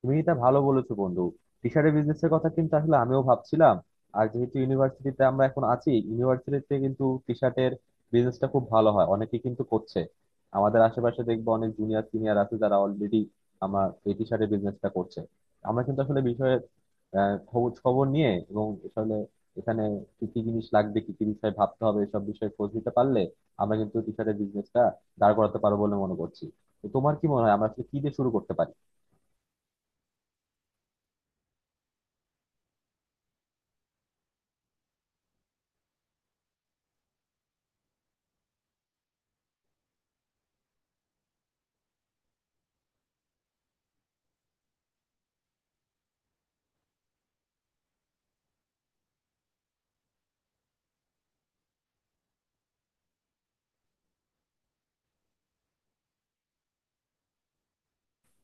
তুমি এটা ভালো বলেছো বন্ধু। টি শার্টের বিজনেসের কথা কিন্তু আসলে আমিও ভাবছিলাম। আর যেহেতু ইউনিভার্সিটিতে আমরা এখন আছি, ইউনিভার্সিটিতে কিন্তু টি শার্টের বিজনেসটা খুব ভালো হয়, অনেকে কিন্তু করছে। আমাদের আশেপাশে দেখবো অনেক জুনিয়র সিনিয়র আছে যারা অলরেডি আমার এই টি শার্টের বিজনেসটা করছে। আমরা কিন্তু আসলে বিষয়ে খবর খবর নিয়ে এবং আসলে এখানে কি কি জিনিস লাগবে, কি কি বিষয়ে ভাবতে হবে, এসব বিষয়ে খোঁজ নিতে পারলে আমরা কিন্তু টি শার্টের বিজনেসটা দাঁড় করাতে পারবো বলে মনে করছি। তো তোমার কি মনে হয়, আমরা আসলে কি দিয়ে শুরু করতে পারি?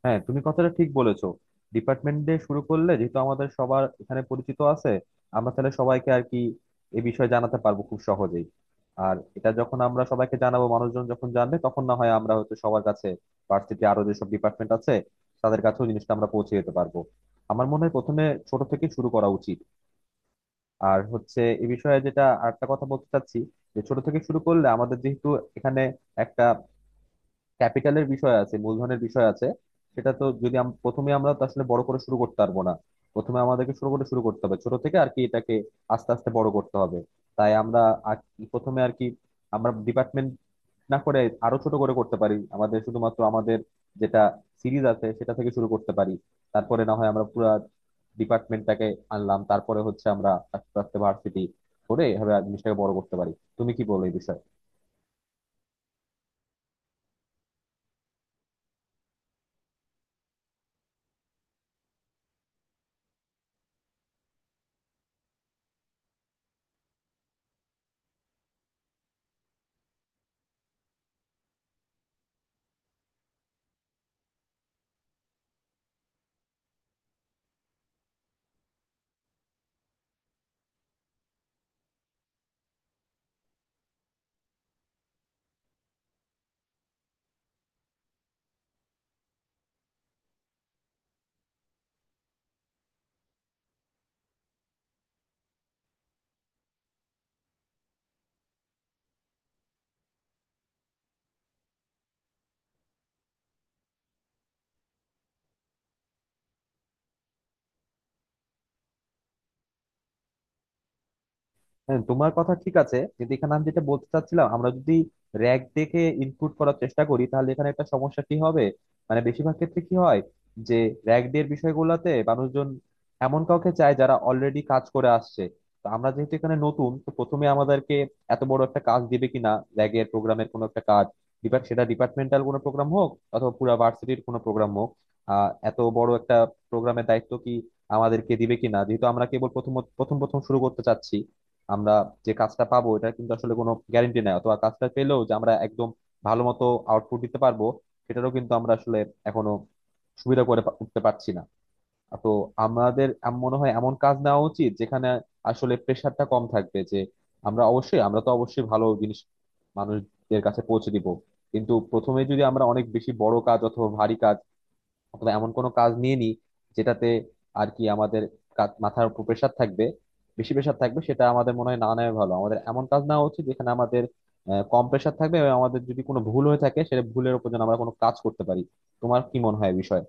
হ্যাঁ, তুমি কথাটা ঠিক বলেছো। ডিপার্টমেন্ট দিয়ে শুরু করলে যেহেতু আমাদের সবার এখানে পরিচিত আছে, আমরা তাহলে সবাইকে আর কি এ বিষয়ে জানাতে পারবো খুব সহজেই। আর এটা যখন আমরা সবাইকে জানাবো, মানুষজন যখন জানবে, তখন না হয় আমরা হয়তো সবার কাছে, ভার্সিটি আরো যেসব ডিপার্টমেন্ট আছে তাদের কাছেও জিনিসটা আমরা পৌঁছে যেতে পারবো। আমার মনে হয় প্রথমে ছোট থেকে শুরু করা উচিত। আর হচ্ছে এ বিষয়ে যেটা আরেকটা কথা বলতে চাচ্ছি, যে ছোট থেকে শুরু করলে আমাদের যেহেতু এখানে একটা ক্যাপিটালের বিষয় আছে, মূলধনের বিষয় আছে, সেটা তো যদি প্রথমে আমরা তো আসলে বড় করে শুরু করতে পারবো না। প্রথমে আমাদেরকে শুরু করে শুরু করতে হবে ছোট থেকে, আর কি এটাকে আস্তে আস্তে বড় করতে হবে। তাই আমরা আর কি প্রথমে আর কি আমরা ডিপার্টমেন্ট না করে আরো ছোট করে করতে পারি, আমাদের শুধুমাত্র আমাদের যেটা সিরিজ আছে সেটা থেকে শুরু করতে পারি। তারপরে না হয় আমরা পুরো ডিপার্টমেন্টটাকে আনলাম, তারপরে হচ্ছে আমরা আস্তে আস্তে ভার্সিটি করে এভাবে জিনিসটাকে বড় করতে পারি। তুমি কি বলো এই বিষয়ে? হ্যাঁ, তোমার কথা ঠিক আছে, কিন্তু এখানে আমি যেটা বলতে চাচ্ছিলাম, আমরা যদি র্যাক দেখে ইনপুট করার চেষ্টা করি তাহলে এখানে একটা সমস্যা কি হবে, মানে বেশিরভাগ ক্ষেত্রে কি হয়, যে র্যাক দের বিষয়গুলোতে মানুষজন এমন কাউকে চায় যারা অলরেডি কাজ করে আসছে। তো আমরা যেহেতু এখানে নতুন, তো প্রথমে আমাদেরকে এত বড় একটা কাজ দিবে কিনা, র্যাগের প্রোগ্রামের কোনো একটা কাজ, সেটা ডিপার্টমেন্টাল কোনো প্রোগ্রাম হোক অথবা পুরো ভার্সিটির কোনো প্রোগ্রাম হোক, এত বড় একটা প্রোগ্রামের দায়িত্ব কি আমাদেরকে দিবে কিনা, যেহেতু আমরা কেবল প্রথম প্রথম প্রথম শুরু করতে চাচ্ছি। আমরা যে কাজটা পাবো এটা কিন্তু আসলে কোনো গ্যারেন্টি নাই, অথবা কাজটা পেলেও যে আমরা একদম ভালো মতো আউটপুট দিতে পারবো সেটারও কিন্তু আমরা আসলে এখনো সুবিধা করে উঠতে পারছি না। তো আমাদের মনে হয় এমন কাজ নেওয়া উচিত যেখানে আসলে প্রেশারটা কম থাকবে। যে আমরা অবশ্যই, আমরা তো অবশ্যই ভালো জিনিস মানুষদের কাছে পৌঁছে দিব, কিন্তু প্রথমে যদি আমরা অনেক বেশি বড় কাজ অথবা ভারী কাজ অথবা এমন কোনো কাজ নিয়ে নিই যেটাতে আর কি আমাদের মাথার উপর প্রেশার থাকবে, বেশি প্রেশার থাকবে, সেটা আমাদের মনে হয় না নেওয়া ভালো। আমাদের এমন কাজ নেওয়া উচিত যেখানে আমাদের কম প্রেশার থাকবে, এবং আমাদের যদি কোনো ভুল হয়ে থাকে সেটা ভুলের উপর যেন আমরা কোনো কাজ করতে পারি। তোমার কি মনে হয় এ বিষয়ে?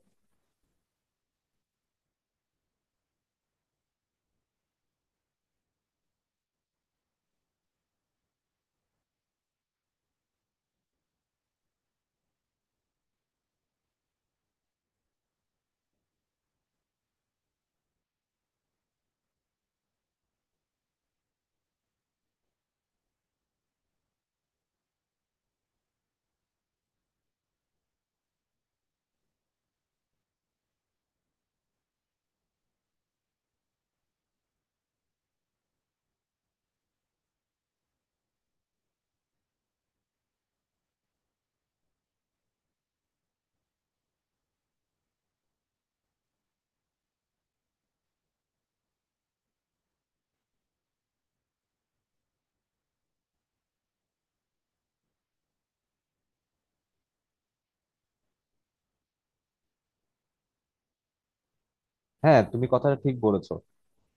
হ্যাঁ, তুমি কথাটা ঠিক বলেছো।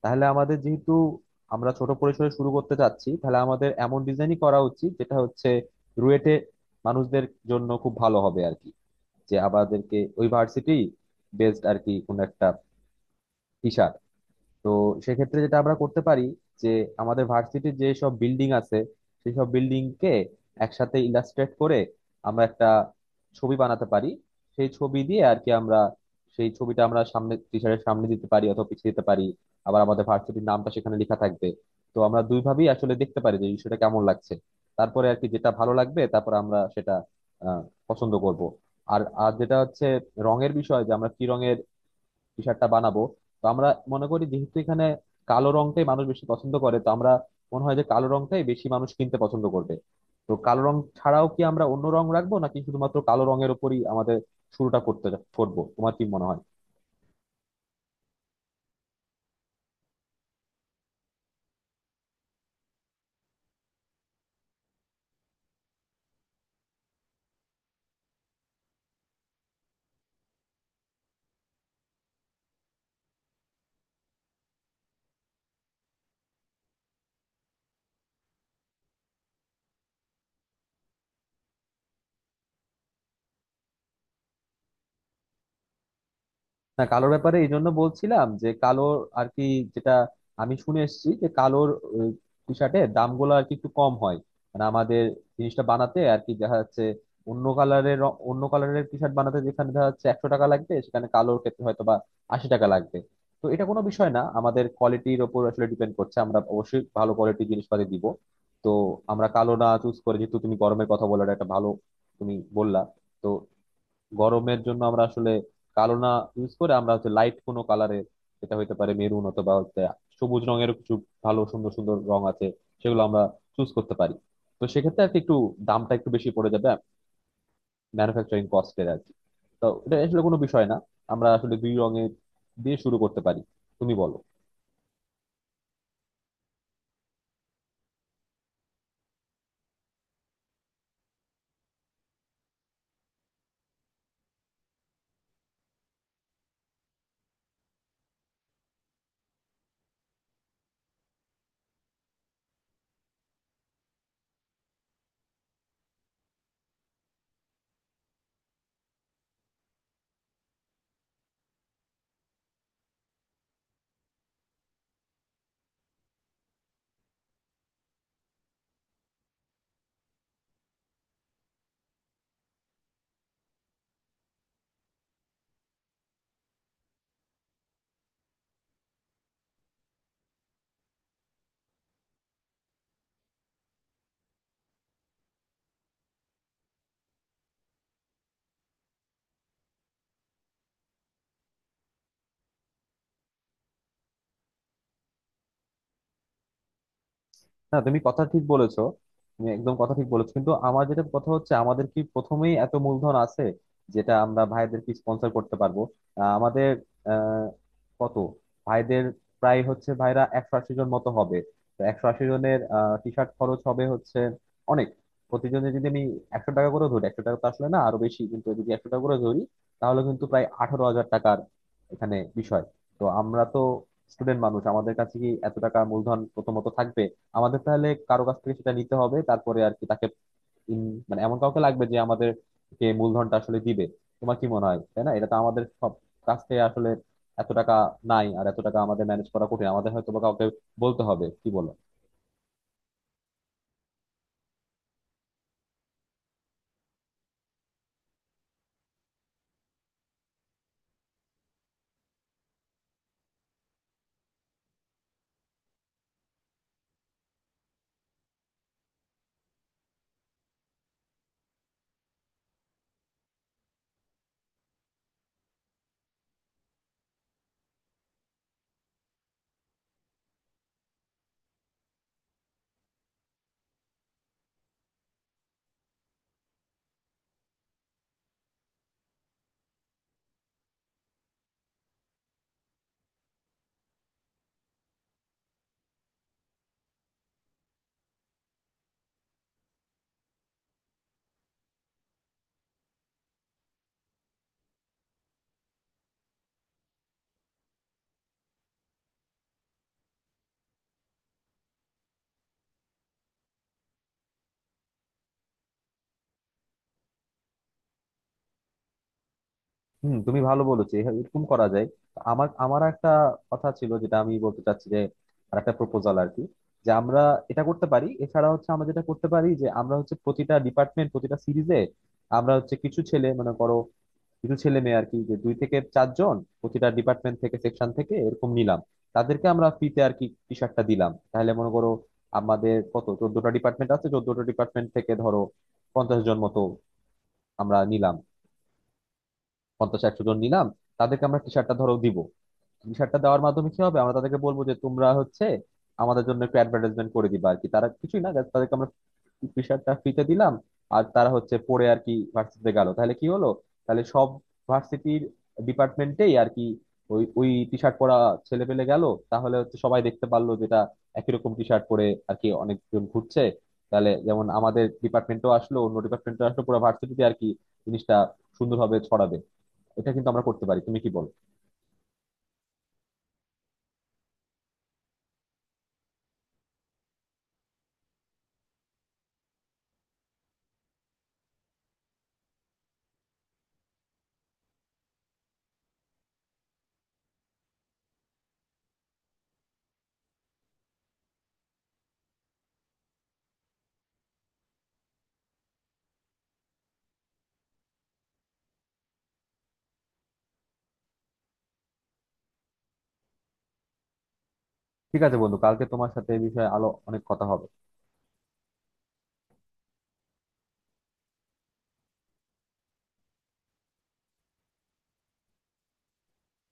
তাহলে আমাদের যেহেতু আমরা ছোট পরিসরে শুরু করতে চাচ্ছি, তাহলে আমাদের এমন ডিজাইনই করা উচিত যেটা হচ্ছে রুয়েটে মানুষদের জন্য খুব ভালো হবে আর কি, যে আমাদেরকে ওই ভার্সিটি বেসড আর কি কোন একটা টি। তো সেক্ষেত্রে যেটা আমরা করতে পারি, যে আমাদের ভার্সিটির যে সব বিল্ডিং আছে সেই সব বিল্ডিং কে একসাথে ইলাস্ট্রেট করে আমরা একটা ছবি বানাতে পারি। সেই ছবি দিয়ে আর কি আমরা, সেই ছবিটা আমরা সামনে টিচারের সামনে দিতে পারি অথবা পিছিয়ে দিতে পারি, আবার আমাদের ভার্সিটির নামটা সেখানে লেখা থাকবে। তো আমরা দুইভাবেই আসলে দেখতে পারি যে বিষয়টা কেমন লাগছে, তারপরে আর কি যেটা ভালো লাগবে তারপর আমরা সেটা আহ পছন্দ করব। আর আর যেটা হচ্ছে রঙের বিষয়, যে আমরা কি রঙের টি শার্টটা বানাবো। তো আমরা মনে করি যেহেতু এখানে কালো রংটাই মানুষ বেশি পছন্দ করে, তো আমরা মনে হয় যে কালো রংটাই বেশি মানুষ কিনতে পছন্দ করবে। তো কালো রং ছাড়াও কি আমরা অন্য রং রাখবো, নাকি শুধুমাত্র কালো রঙের উপরই আমাদের শুরুটা করতে করবো? তোমার কি মনে হয়? না, কালোর ব্যাপারে এই জন্য বলছিলাম যে কালোর আর কি, যেটা আমি শুনে এসেছি যে কালোর টি শার্টের দামগুলো আর কি একটু কম হয়। মানে আমাদের জিনিসটা বানাতে আর কি দেখা যাচ্ছে অন্য কালারের, অন্য কালারের টি শার্ট বানাতে যেখানে দেখা যাচ্ছে 100 টাকা লাগবে, সেখানে কালোর ক্ষেত্রে হয়তো বা 80 টাকা লাগবে। তো এটা কোনো বিষয় না, আমাদের কোয়ালিটির ওপর আসলে ডিপেন্ড করছে, আমরা অবশ্যই ভালো কোয়ালিটির জিনিসপাতি দিব। তো আমরা কালো না চুজ করে, যেহেতু তুমি গরমের কথা বলে একটা ভালো তুমি বললা, তো গরমের জন্য আমরা আসলে কালো না ইউজ করে আমরা হচ্ছে লাইট কোনো কালারের, যেটা হইতে পারে মেরুন অথবা হচ্ছে সবুজ রঙের কিছু ভালো, সুন্দর সুন্দর রং আছে, সেগুলো আমরা চুজ করতে পারি। তো সেক্ষেত্রে আর কি একটু দামটা একটু বেশি পড়ে যাবে, ম্যানুফ্যাকচারিং কস্টের আর কি। তো এটা আসলে কোনো বিষয় না, আমরা আসলে দুই রঙের দিয়ে শুরু করতে পারি। তুমি বলো। না, তুমি কথা ঠিক বলেছো, তুমি একদম কথা ঠিক বলেছো, কিন্তু আমার যেটা কথা হচ্ছে, আমাদের কি প্রথমেই এত মূলধন আছে যেটা আমরা ভাইদেরকে স্পন্সর করতে পারবো? আমাদের কত ভাইদের, প্রায় হচ্ছে ভাইরা 180 জন মতো হবে। তো 180 জনের টি শার্ট খরচ হবে হচ্ছে অনেক। প্রতিজনে যদি আমি 100 টাকা করে ধরি, 100 টাকা তো আসলে না, আরো বেশি, কিন্তু যদি 100 টাকা করে ধরি তাহলে কিন্তু প্রায় 18,000 টাকার এখানে বিষয়। তো আমরা তো স্টুডেন্ট মানুষ, আমাদের কাছে কি এত টাকা মূলধন প্রথমত থাকবে? আমাদের তাহলে কারো কাছ থেকে সেটা নিতে হবে, তারপরে আর কি তাকে ইন মানে এমন কাউকে লাগবে যে আমাদেরকে মূলধনটা আসলে দিবে। তোমার কি মনে হয়, তাই না? এটা তো আমাদের সব কাছ থেকে আসলে এত টাকা নাই, আর এত টাকা আমাদের ম্যানেজ করা কঠিন, আমাদের হয়তো বা কাউকে বলতে হবে। কি বলো? হুম, তুমি ভালো বলেছো, এরকম করা যায়। তো আমার আমার একটা কথা ছিল যেটা আমি বলতে চাচ্ছি, যে আর একটা প্রপোজাল আর কি, যে আমরা এটা করতে পারি। এছাড়া হচ্ছে আমরা যেটা করতে পারি, যে আমরা হচ্ছে প্রতিটা ডিপার্টমেন্ট প্রতিটা সিরিজে, আমরা হচ্ছে কিছু ছেলে, মনে করো কিছু ছেলে মেয়ে আর কি, যে 2 থেকে 4 জন প্রতিটা ডিপার্টমেন্ট থেকে সেকশন থেকে এরকম নিলাম, তাদেরকে আমরা ফ্রিতে আর কি টি শার্টটা দিলাম। তাহলে মনে করো, আমাদের কত 14টা ডিপার্টমেন্ট আছে, 14টা ডিপার্টমেন্ট থেকে ধরো 50 জন মতো আমরা নিলাম, 50, 100 জন নিলাম, তাদেরকে আমরা টি শার্টটা ধরো দিব। টি শার্টটা দেওয়ার মাধ্যমে কি হবে, আমরা তাদেরকে বলবো যে তোমরা হচ্ছে আমাদের জন্য একটু অ্যাডভার্টাইজমেন্ট করে দিবা আর কি। তারা কিছুই না, just তাদেরকে আমরা প্রেশারটা ফ্রিতে দিলাম, আর তারা হচ্ছে পড়ে আর কি ভার্সিটিতে গেল। তাহলে কি হলো, তাহলে সব ভার্সিটির ডিপার্টমেন্টেই আর কি ওই ওই টি শার্ট পরা ছেলে পেলে গেল। তাহলে হচ্ছে সবাই দেখতে পারলো, যেটা একই রকম টি শার্ট পরে আর কি অনেকজন ঘুরছে। তাহলে যেমন আমাদের ডিপার্টমেন্টও আসলো, অন্য ডিপার্টমেন্টও আসলো, পুরো ভার্সিটিতে আর কি জিনিসটা সুন্দরভাবে ছড়াবে। এটা কিন্তু আমরা করতে পারি, তুমি কি বলো? ঠিক আছে বন্ধু, কালকে তোমার সাথে এই বিষয়ে আলো অনেক কথা হবে।